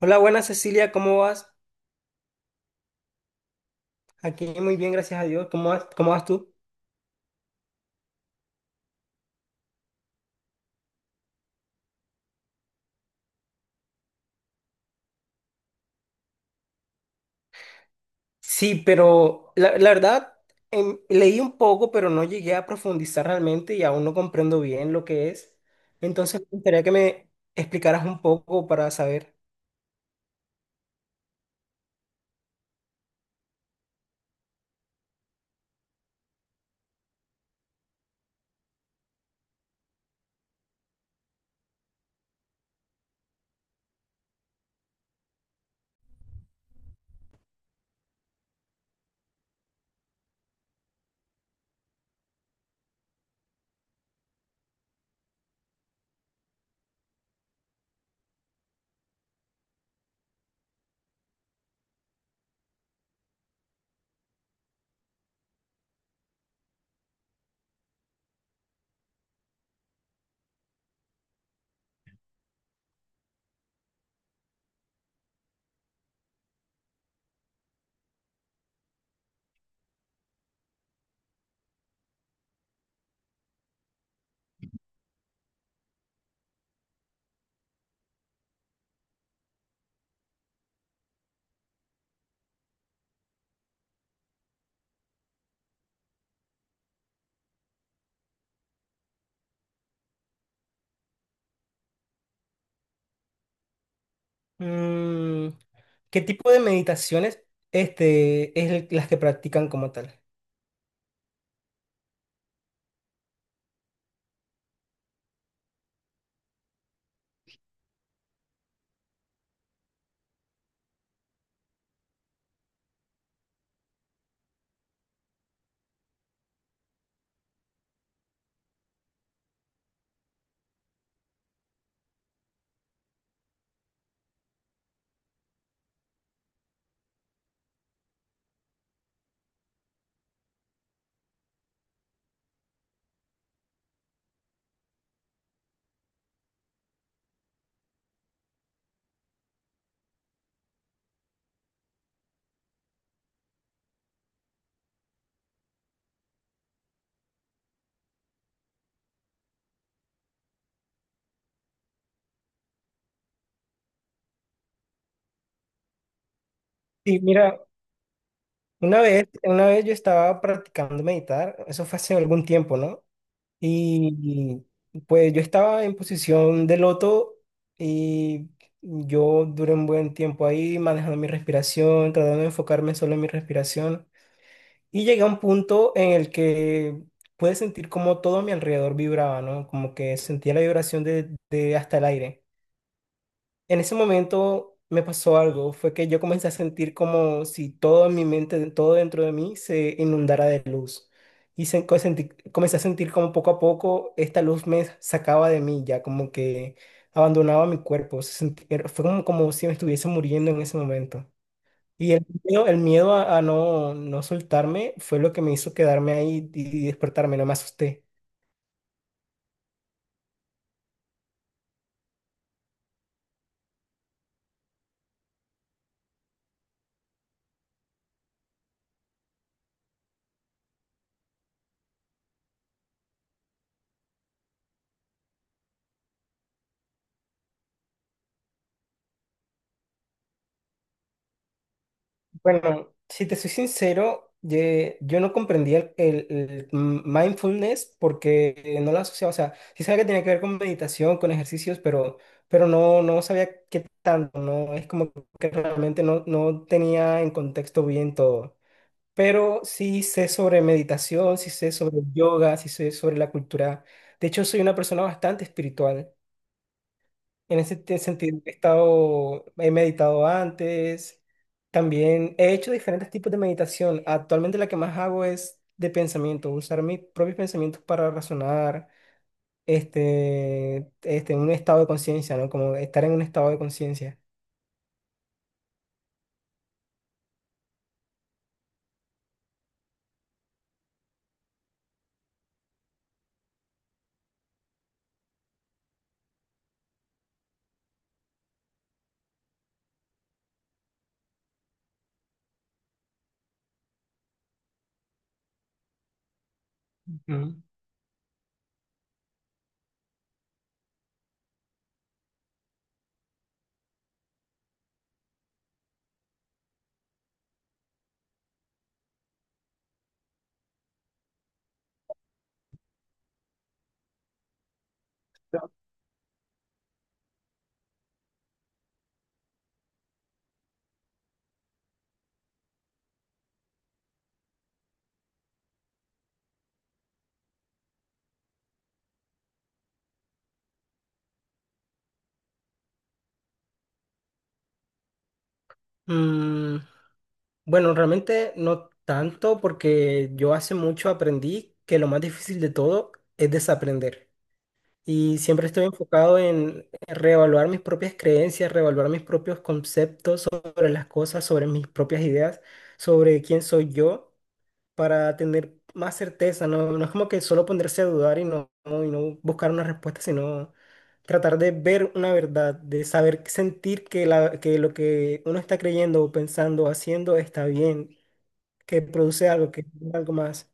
Hola, buenas Cecilia, ¿cómo vas? Aquí muy bien, gracias a Dios. Cómo vas tú? Sí, pero la verdad, leí un poco, pero no llegué a profundizar realmente y aún no comprendo bien lo que es. Entonces, me gustaría que me explicaras un poco para saber mm, qué tipo de meditaciones las que practican como tal. Sí, mira, una vez yo estaba practicando meditar, eso fue hace algún tiempo, ¿no? Y pues yo estaba en posición de loto y yo duré un buen tiempo ahí manejando mi respiración, tratando de enfocarme solo en mi respiración. Y llegué a un punto en el que pude sentir como todo a mi alrededor vibraba, ¿no? Como que sentía la vibración de hasta el aire. En ese momento me pasó algo, fue que yo comencé a sentir como si todo en mi mente, todo dentro de mí se inundara de luz. Comencé a sentir como poco a poco esta luz me sacaba de mí, ya como que abandonaba mi cuerpo. Fue como, como si me estuviese muriendo en ese momento. Y el miedo, el miedo a no soltarme fue lo que me hizo quedarme ahí y despertarme, no me asusté. Bueno, si te soy sincero, yo no comprendía el mindfulness porque no lo asociaba, o sea, sí sabía que tenía que ver con meditación, con ejercicios, pero no, no sabía qué tanto, no, es como que realmente no, no tenía en contexto bien todo. Pero sí sé sobre meditación, sí sé sobre yoga, sí sé sobre la cultura. De hecho, soy una persona bastante espiritual. En ese sentido, he meditado antes, también he hecho diferentes tipos de meditación. Actualmente la que más hago es de pensamiento, usar mis propios pensamientos para razonar, en un estado de conciencia, ¿no? Como estar en un estado de conciencia. Ujú. Mm, bueno, realmente no tanto porque yo hace mucho aprendí que lo más difícil de todo es desaprender. Y siempre estoy enfocado en reevaluar mis propias creencias, reevaluar mis propios conceptos sobre las cosas, sobre mis propias ideas, sobre quién soy yo, para tener más certeza. No, no es como que solo ponerse a dudar y no buscar una respuesta, sino tratar de ver una verdad, de saber sentir que lo que uno está creyendo o pensando o haciendo está bien, que produce algo, que es algo más.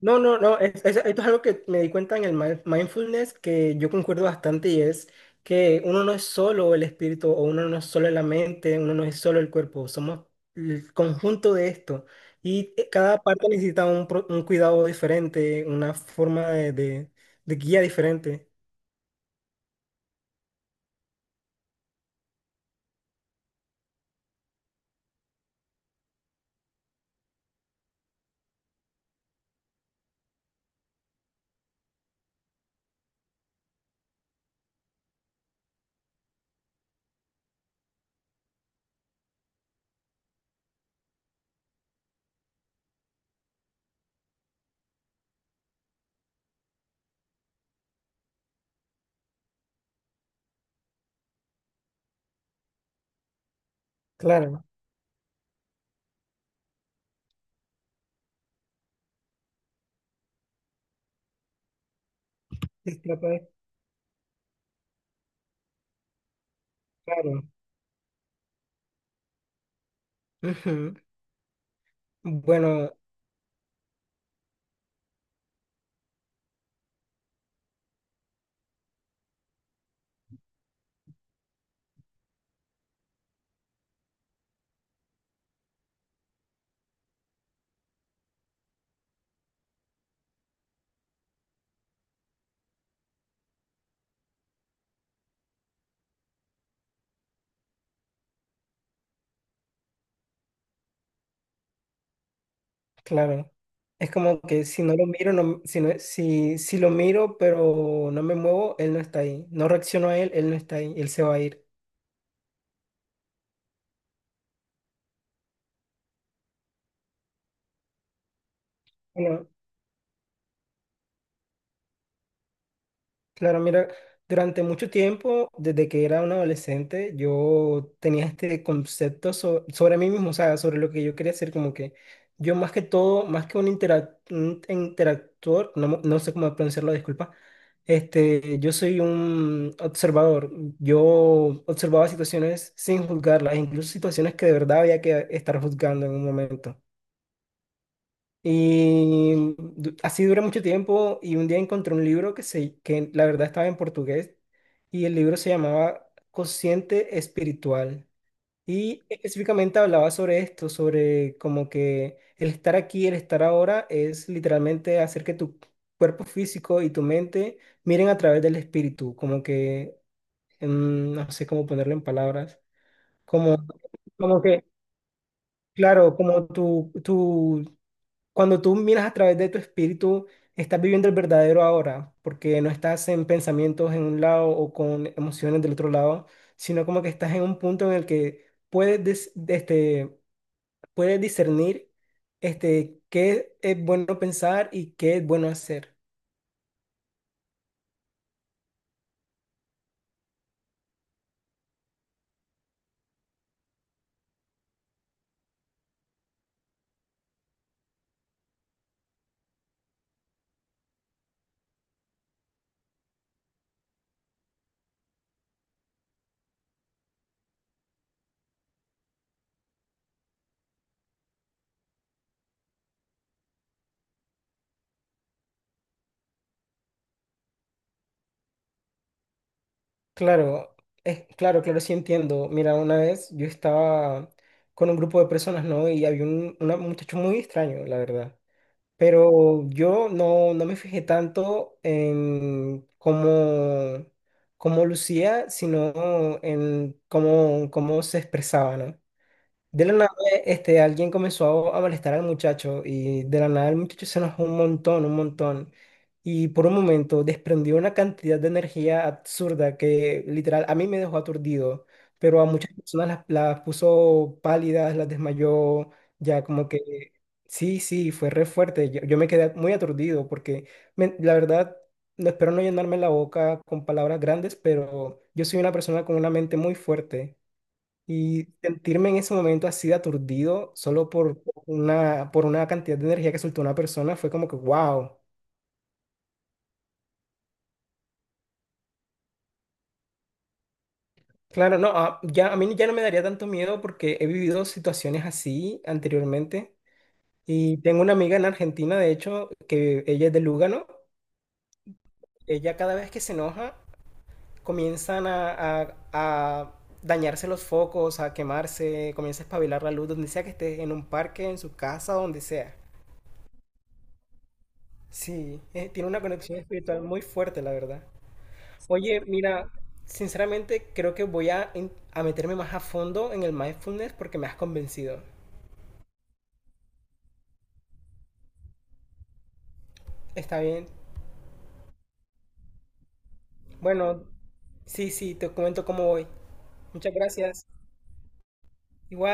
No, no, no, esto es algo que me di cuenta en el mindfulness que yo concuerdo bastante y es que uno no es solo el espíritu o uno no es solo la mente, uno no es solo el cuerpo, somos el conjunto de esto y cada parte necesita un cuidado diferente, una forma de guía diferente. Claro. Sí, sí, pues, claro. Ujú. Bueno. Claro. Es como que si no lo miro, si lo miro, pero no me muevo, él no está ahí. No reacciono a él, él no está ahí, él se va a ir. Claro, mira, durante mucho tiempo, desde que era un adolescente, yo tenía este concepto sobre mí mismo, o sea, sobre lo que yo quería ser, como que yo más que todo, más que un interactor, no sé cómo pronunciarlo, disculpa, este, yo soy un observador, yo observaba situaciones sin juzgarlas, incluso situaciones que de verdad había que estar juzgando en un momento. Y así duré mucho tiempo y un día encontré un libro que la verdad estaba en portugués y el libro se llamaba Consciente Espiritual. Y específicamente hablaba sobre esto, sobre como que el estar aquí, el estar ahora es literalmente hacer que tu cuerpo físico y tu mente miren a través del espíritu, como que, no sé cómo ponerlo en palabras, como, como que, claro, como cuando tú miras a través de tu espíritu, estás viviendo el verdadero ahora, porque no estás en pensamientos en un lado o con emociones del otro lado, sino como que estás en un punto en el que este, puedes discernir este, qué es bueno pensar y qué es bueno hacer. Claro, es, claro, claro, sí entiendo. Mira, una vez yo estaba con un grupo de personas, ¿no? Y había un muchacho muy extraño, la verdad. Pero yo no, no me fijé tanto en cómo, cómo lucía, sino en cómo, cómo se expresaba, ¿no? De la nada, este, alguien comenzó a molestar al muchacho y de la nada el muchacho se enojó un montón, un montón. Y por un momento desprendió una cantidad de energía absurda que literal a mí me dejó aturdido, pero a muchas personas las puso pálidas, las desmayó, ya como que sí, sí, fue re fuerte. Yo me quedé muy aturdido porque la verdad, no espero no llenarme la boca con palabras grandes, pero yo soy una persona con una mente muy fuerte. Y sentirme en ese momento así de aturdido solo por por una cantidad de energía que soltó una persona fue como que, wow. Claro, no, a- ya, a mí ya no me daría tanto miedo porque he vivido situaciones así anteriormente. Y tengo una amiga en Argentina, de hecho, que ella es de Lugano. Ella cada vez que se enoja, comienzan a dañarse los focos, a quemarse, comienza a espabilar la luz, donde sea que esté, en un parque, en su casa, donde sea. Sí, tiene una conexión espiritual muy fuerte, la verdad. Oye, mira, sinceramente creo que voy a meterme más a fondo en el mindfulness porque me has convencido. Está bien. Bueno, sí, sí, te comento cómo voy. Muchas gracias. Igual.